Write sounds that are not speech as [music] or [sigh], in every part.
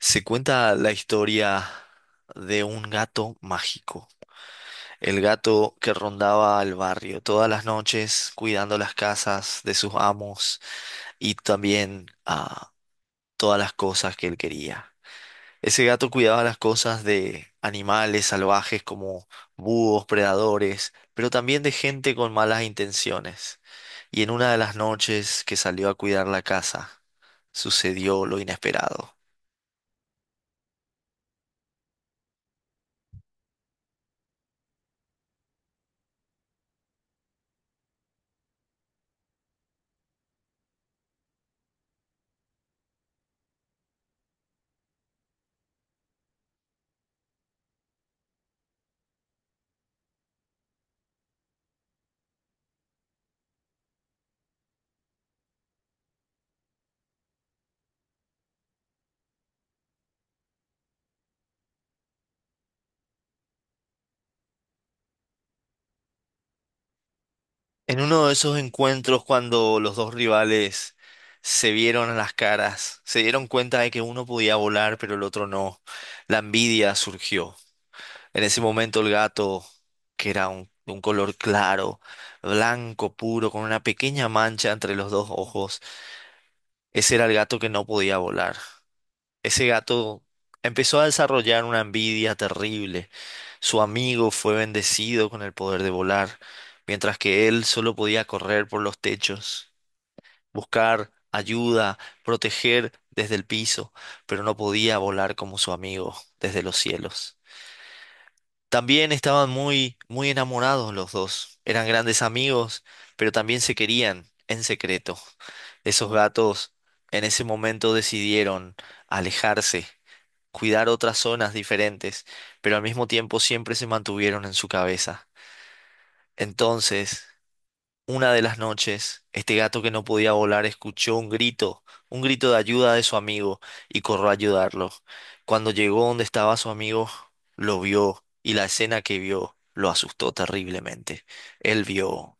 Se cuenta la historia de un gato mágico, el gato que rondaba el barrio todas las noches cuidando las casas de sus amos y también todas las cosas que él quería. Ese gato cuidaba las cosas de animales salvajes como búhos, predadores, pero también de gente con malas intenciones. Y en una de las noches que salió a cuidar la casa, sucedió lo inesperado. En uno de esos encuentros cuando los dos rivales se vieron a las caras, se dieron cuenta de que uno podía volar pero el otro no, la envidia surgió. En ese momento el gato, que era de un color claro, blanco puro, con una pequeña mancha entre los dos ojos, ese era el gato que no podía volar. Ese gato empezó a desarrollar una envidia terrible. Su amigo fue bendecido con el poder de volar, mientras que él solo podía correr por los techos, buscar ayuda, proteger desde el piso, pero no podía volar como su amigo desde los cielos. También estaban muy, muy enamorados los dos. Eran grandes amigos, pero también se querían en secreto. Esos gatos en ese momento decidieron alejarse, cuidar otras zonas diferentes, pero al mismo tiempo siempre se mantuvieron en su cabeza. Entonces, una de las noches, este gato que no podía volar escuchó un grito de ayuda de su amigo, y corrió a ayudarlo. Cuando llegó donde estaba su amigo, lo vio, y la escena que vio lo asustó terriblemente. Él vio.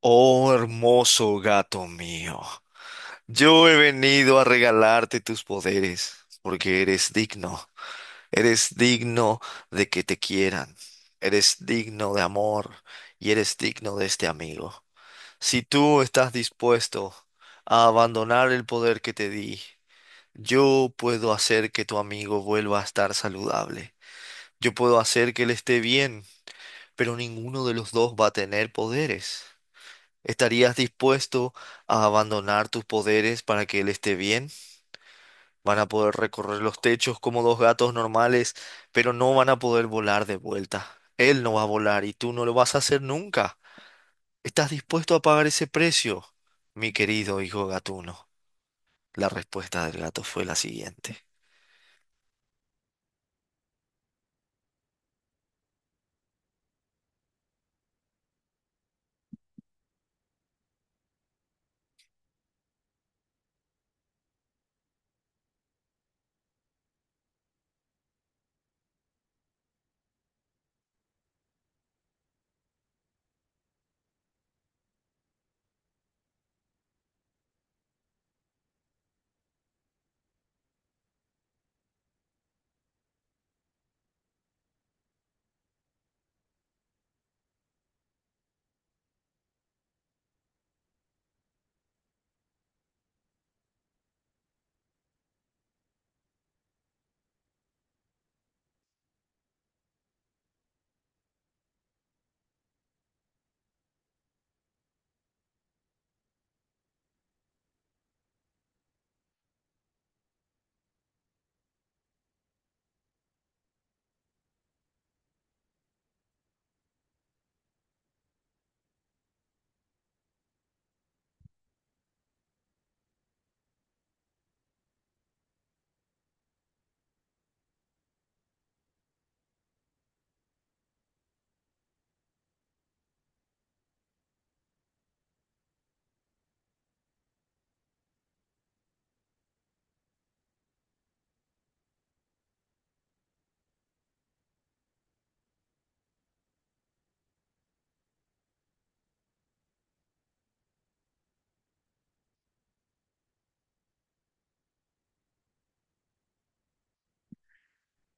Oh, hermoso gato mío, yo he venido a regalarte tus poderes, porque eres digno. Eres digno de que te quieran, eres digno de amor y eres digno de este amigo. Si tú estás dispuesto a abandonar el poder que te di, yo puedo hacer que tu amigo vuelva a estar saludable. Yo puedo hacer que él esté bien, pero ninguno de los dos va a tener poderes. ¿Estarías dispuesto a abandonar tus poderes para que él esté bien? Van a poder recorrer los techos como dos gatos normales, pero no van a poder volar de vuelta. Él no va a volar y tú no lo vas a hacer nunca. ¿Estás dispuesto a pagar ese precio, mi querido hijo gatuno? La respuesta del gato fue la siguiente.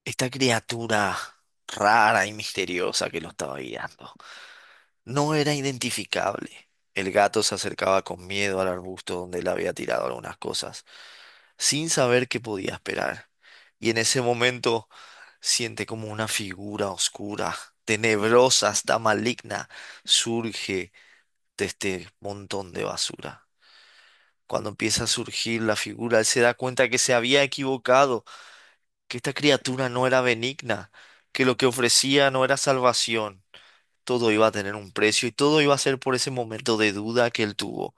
Esta criatura rara y misteriosa que lo estaba guiando, no era identificable. El gato se acercaba con miedo al arbusto donde él había tirado algunas cosas, sin saber qué podía esperar. Y en ese momento siente como una figura oscura, tenebrosa, hasta maligna, surge de este montón de basura. Cuando empieza a surgir la figura, él se da cuenta que se había equivocado, que esta criatura no era benigna, que lo que ofrecía no era salvación, todo iba a tener un precio y todo iba a ser por ese momento de duda que él tuvo.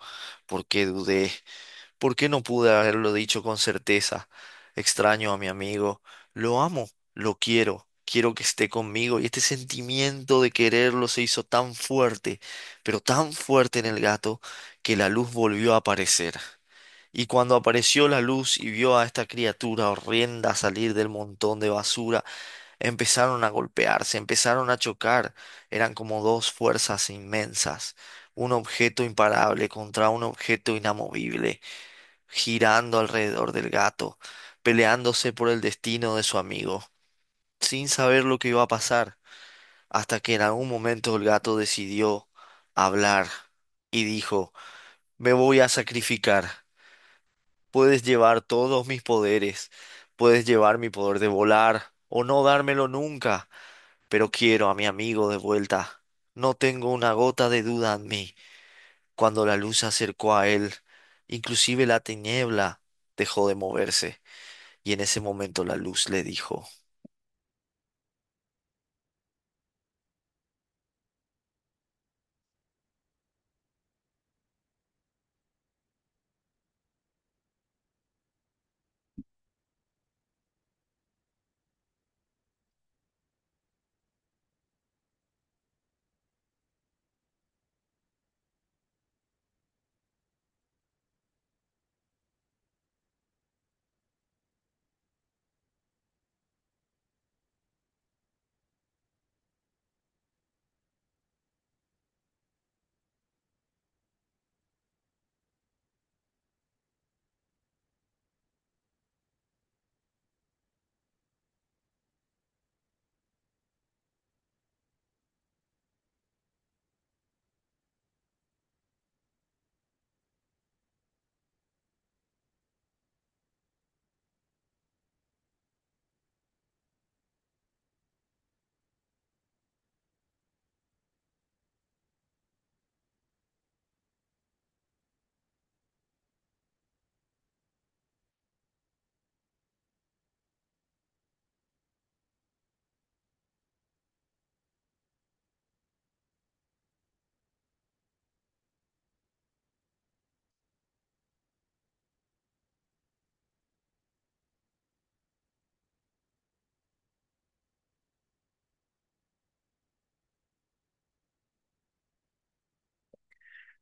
¿Por qué dudé? ¿Por qué no pude haberlo dicho con certeza? Extraño a mi amigo. Lo amo, lo quiero, quiero que esté conmigo. Y este sentimiento de quererlo se hizo tan fuerte, pero tan fuerte en el gato, que la luz volvió a aparecer. Y cuando apareció la luz y vio a esta criatura horrenda salir del montón de basura, empezaron a golpearse, empezaron a chocar. Eran como dos fuerzas inmensas, un objeto imparable contra un objeto inamovible, girando alrededor del gato, peleándose por el destino de su amigo, sin saber lo que iba a pasar, hasta que en algún momento el gato decidió hablar y dijo, me voy a sacrificar. Puedes llevar todos mis poderes, puedes llevar mi poder de volar o no dármelo nunca, pero quiero a mi amigo de vuelta. No tengo una gota de duda en mí. Cuando la luz se acercó a él, inclusive la tiniebla dejó de moverse, y en ese momento la luz le dijo,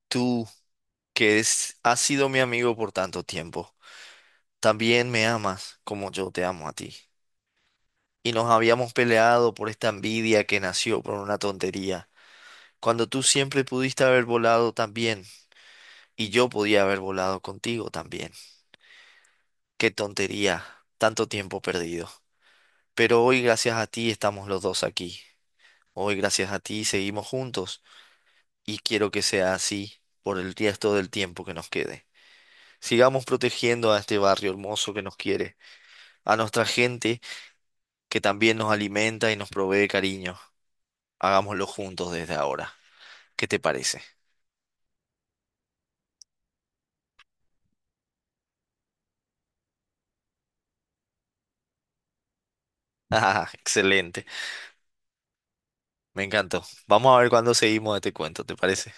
tú, has sido mi amigo por tanto tiempo, también me amas como yo te amo a ti. Y nos habíamos peleado por esta envidia que nació por una tontería, cuando tú siempre pudiste haber volado también, y yo podía haber volado contigo también. Qué tontería, tanto tiempo perdido. Pero hoy gracias a ti estamos los dos aquí. Hoy gracias a ti seguimos juntos y quiero que sea así por el resto del tiempo que nos quede. Sigamos protegiendo a este barrio hermoso que nos quiere, a nuestra gente que también nos alimenta y nos provee cariño. Hagámoslo juntos desde ahora. ¿Qué te parece? [laughs] Ah, excelente. Me encantó. Vamos a ver cuándo seguimos este cuento, ¿te parece?